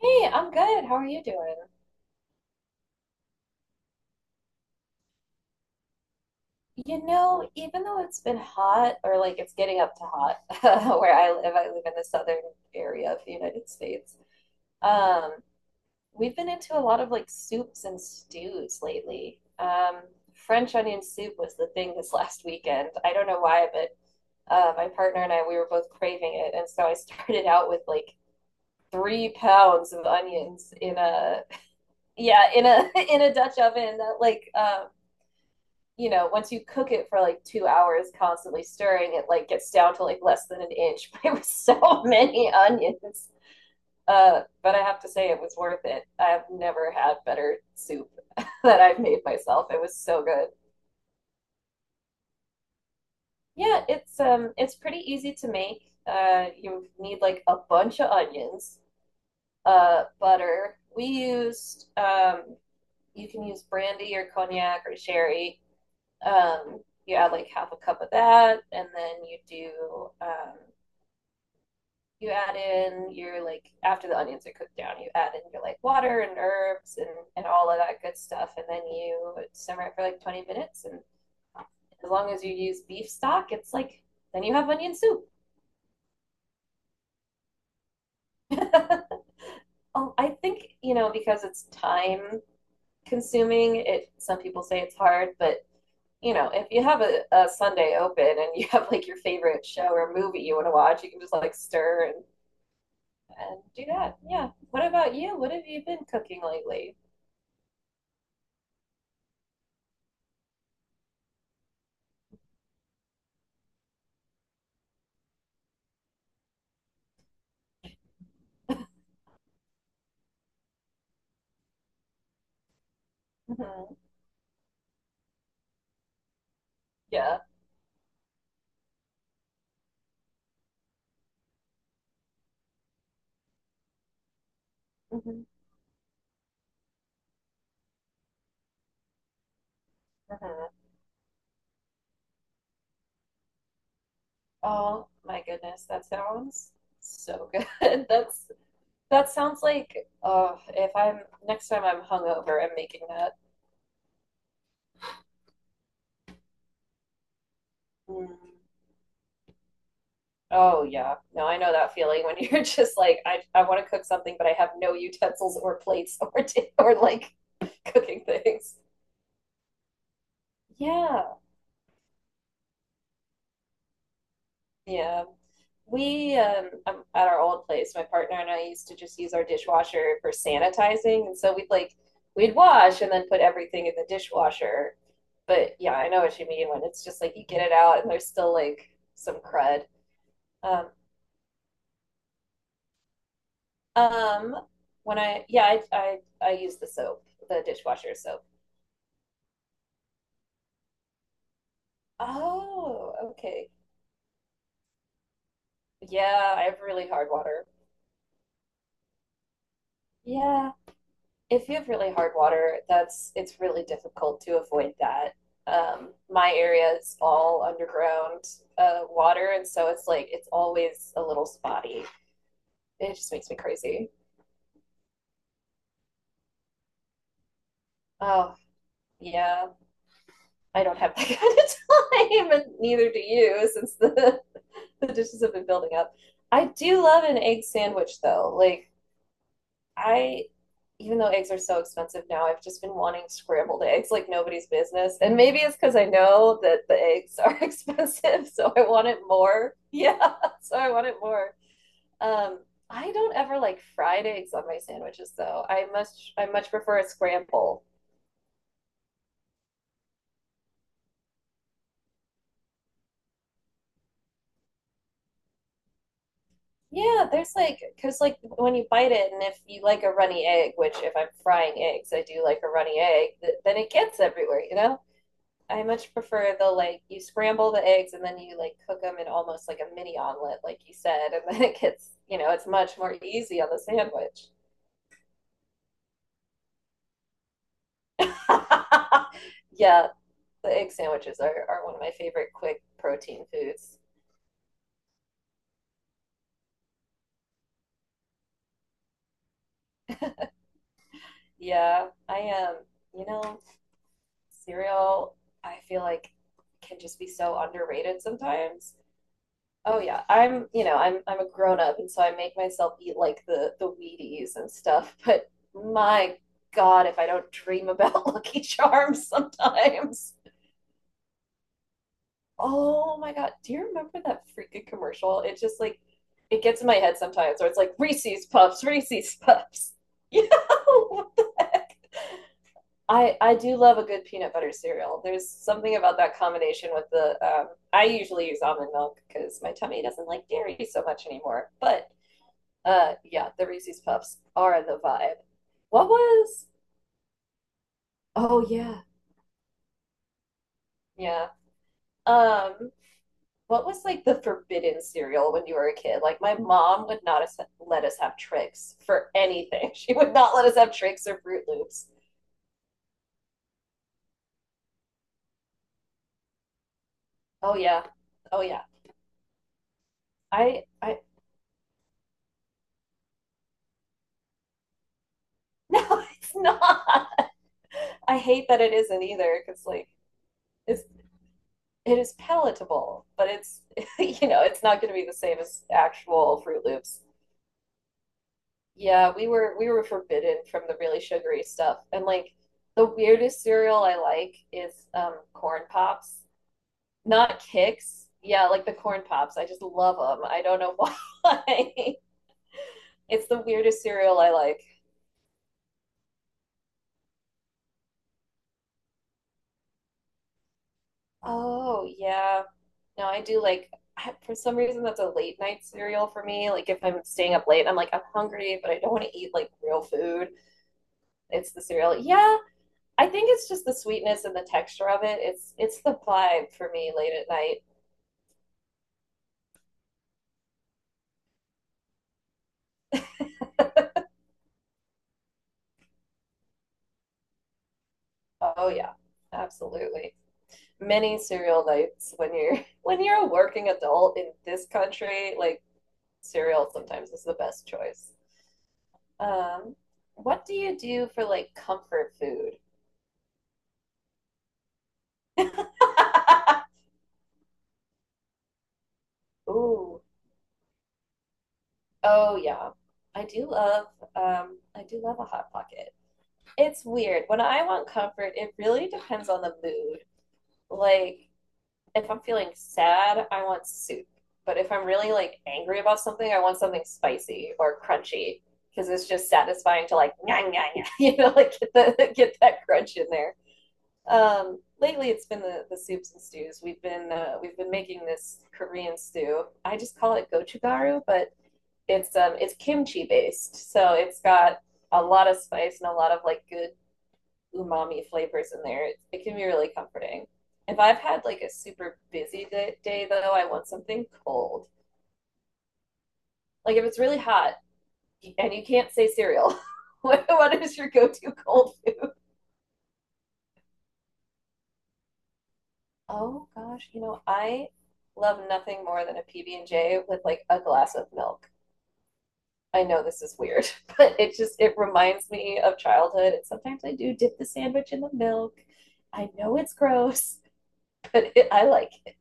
Hey, I'm good. How are you doing? You know, even though it's been hot, or like it's getting up to hot where I live in the southern area of the United States. Um, we've been into a lot of like soups and stews lately. French onion soup was the thing this last weekend. I don't know why, but my partner and I, we were both craving it, and so I started out with like 3 pounds of onions in a yeah in a in a Dutch oven that like you know, once you cook it for like 2 hours, constantly stirring, it like gets down to like less than an inch. But it was so many onions. But I have to say it was worth it. I've never had better soup that I've made myself. It was so good. Yeah, it's it's pretty easy to make. You need like a bunch of onions, butter. We used. You can use brandy or cognac or sherry. Um, you add like half a cup of that, and then you do you add in your like after the onions are cooked down, you add in your like water and herbs and all of that good stuff, and then you simmer it for like 20 minutes. And as long as you use beef stock, it's like then you have onion soup. Oh, I think you know because it's thyme consuming. It some people say it's hard, but you know, if you have a Sunday open and you have like your favorite show or movie you want to watch, you can just like stir and do that. Yeah. What about you? What have you been cooking lately? Hmm. Yeah. Hmm. Hmm. Oh my goodness, that sounds so good. That's that sounds like oh, if I'm next time I'm hungover, I'm making that. Mm. Oh yeah. No, I know that feeling when you're just like, I want to cook something, but I have no utensils or plates or t- or like cooking things. Yeah. Yeah. We At our old place, my partner and I used to just use our dishwasher for sanitizing, and so we'd like we'd wash and then put everything in the dishwasher. But yeah, I know what you mean when it's just like you get it out and there's still like some crud. Um um when I yeah, I use the soap, the dishwasher soap. Oh, okay. Yeah, I have really hard water. Yeah, if you have really hard water, that's it's really difficult to avoid that. My area is all underground water, and so it's like it's always a little spotty. It just makes me crazy. Oh, yeah, I don't have that kind of time, and neither do you, since the the dishes have been building up. I do love an egg sandwich, though. Like I even though eggs are so expensive now, I've just been wanting scrambled eggs like nobody's business. And maybe it's because I know that the eggs are expensive, so I want it more. Yeah, so I want it more. Um, I don't ever like fried eggs on my sandwiches though. I much prefer a scramble. Yeah, there's like because like when you bite it, and if you like a runny egg, which if I'm frying eggs, I do like a runny egg, th- then it gets everywhere, you know? I much prefer the like you scramble the eggs and then you like cook them in almost like a mini omelet, like you said, and then it gets you know it's much more easy on the sandwich. Yeah, the egg sandwiches are one of my favorite quick protein foods. Yeah, I am. You know cereal. I feel like can just be so underrated sometimes. Oh yeah, I'm, you know, I'm a grown up and so I make myself eat like the Wheaties and stuff, but my God, if I don't dream about Lucky Charms sometimes. Oh my God, do you remember that freaking commercial? It just like it gets in my head sometimes, or it's like Reese's Puffs, Reese's Puffs. You know, what the heck? I do love a good peanut butter cereal. There's something about that combination with the I usually use almond milk because my tummy doesn't like dairy so much anymore, but uh, yeah, the Reese's Puffs are the vibe. What was? Oh yeah, yeah. Um, what was like the forbidden cereal when you were a kid? Like my mom would not us- let us have tricks for anything. She would not let us have tricks or Fruit Loops. Oh yeah, oh yeah. I no, it's not. I hate that it isn't either because like it's it is palatable, but it's you know it's not going to be the same as actual Fruit Loops. Yeah, we were forbidden from the really sugary stuff. And like the weirdest cereal I like is corn pops. Not Kix. Yeah, like the corn pops. I just love them. I don't know why. It's the weirdest cereal I like. Oh, yeah. No, I do like I- for some reason that's a late night cereal for me. Like if I'm staying up late, I'm like I'm hungry, but I don't want to eat like real food. It's the cereal. Yeah, I think it's just the sweetness and the texture of it. It's the vibe for me late at night. Oh yeah, absolutely. Many cereal nights when you're when you're a working adult in this country, like cereal sometimes is the best choice. Um, what do you do for like comfort food? Ooh, oh yeah. I do love I do love a hot pocket. It's weird. When I want comfort, it really depends on the mood. Like if I'm feeling sad, I want soup. But if I'm really like angry about something, I want something spicy or crunchy because it's just satisfying to like nyah, nyah, nyah, you know, like get the get that crunch in there. Lately, it's been the soups and stews. We've been making this Korean stew. I just call it gochugaru, but it's it's kimchi based, so it's got a lot of spice and a lot of like good umami flavors in there. It can be really comforting. If I've had like a super busy day though, I want something cold. Like if it's really hot and you can't say cereal, what is your go-to cold food? Oh gosh, you know I love nothing more than a PB and J with like a glass of milk. I know this is weird, but it just it reminds me of childhood. And sometimes I do dip the sandwich in the milk. I know it's gross, but it, I like it.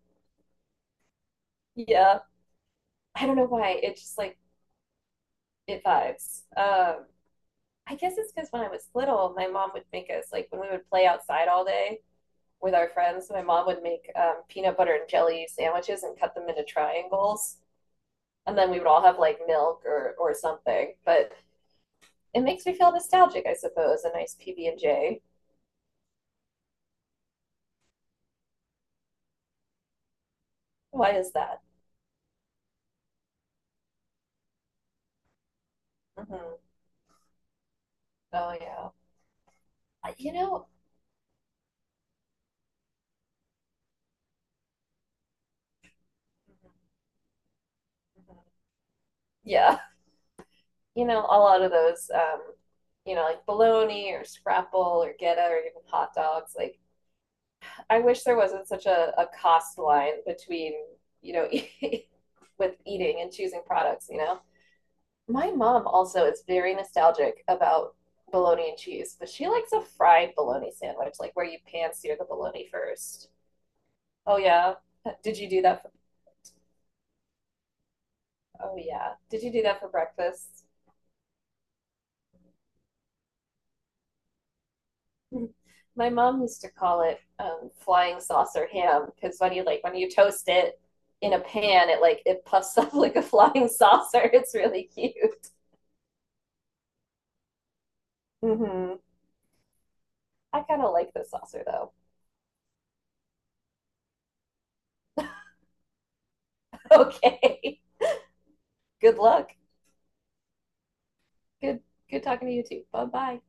Yeah, I don't know why. It just like it vibes. I guess it's because when I was little, my mom would make us like when we would play outside all day with our friends. My mom would make peanut butter and jelly sandwiches and cut them into triangles, and then we would all have like milk or something. But it makes me feel nostalgic, I suppose. A nice PB and J. Why is that? Hmm. Oh yeah. I- You know. Mhm. Mhm. Yeah. You know, a lot of those, you know, like bologna or scrapple or geta or even hot dogs, like I wish there wasn't such a cost line between, you know, with eating and choosing products, you know? My mom also is very nostalgic about bologna and cheese, but she likes a fried bologna sandwich, like where you pan sear the bologna first. Oh, yeah. Did you do that? For, oh, yeah. Did you do that for breakfast? My mom used to call it flying saucer ham because when you like when you toast it in a pan, it like it puffs up like a flying saucer. It's really cute. Hmm. I kind of like this saucer though. Okay. Good luck. Good good talking to you too. Bye bye.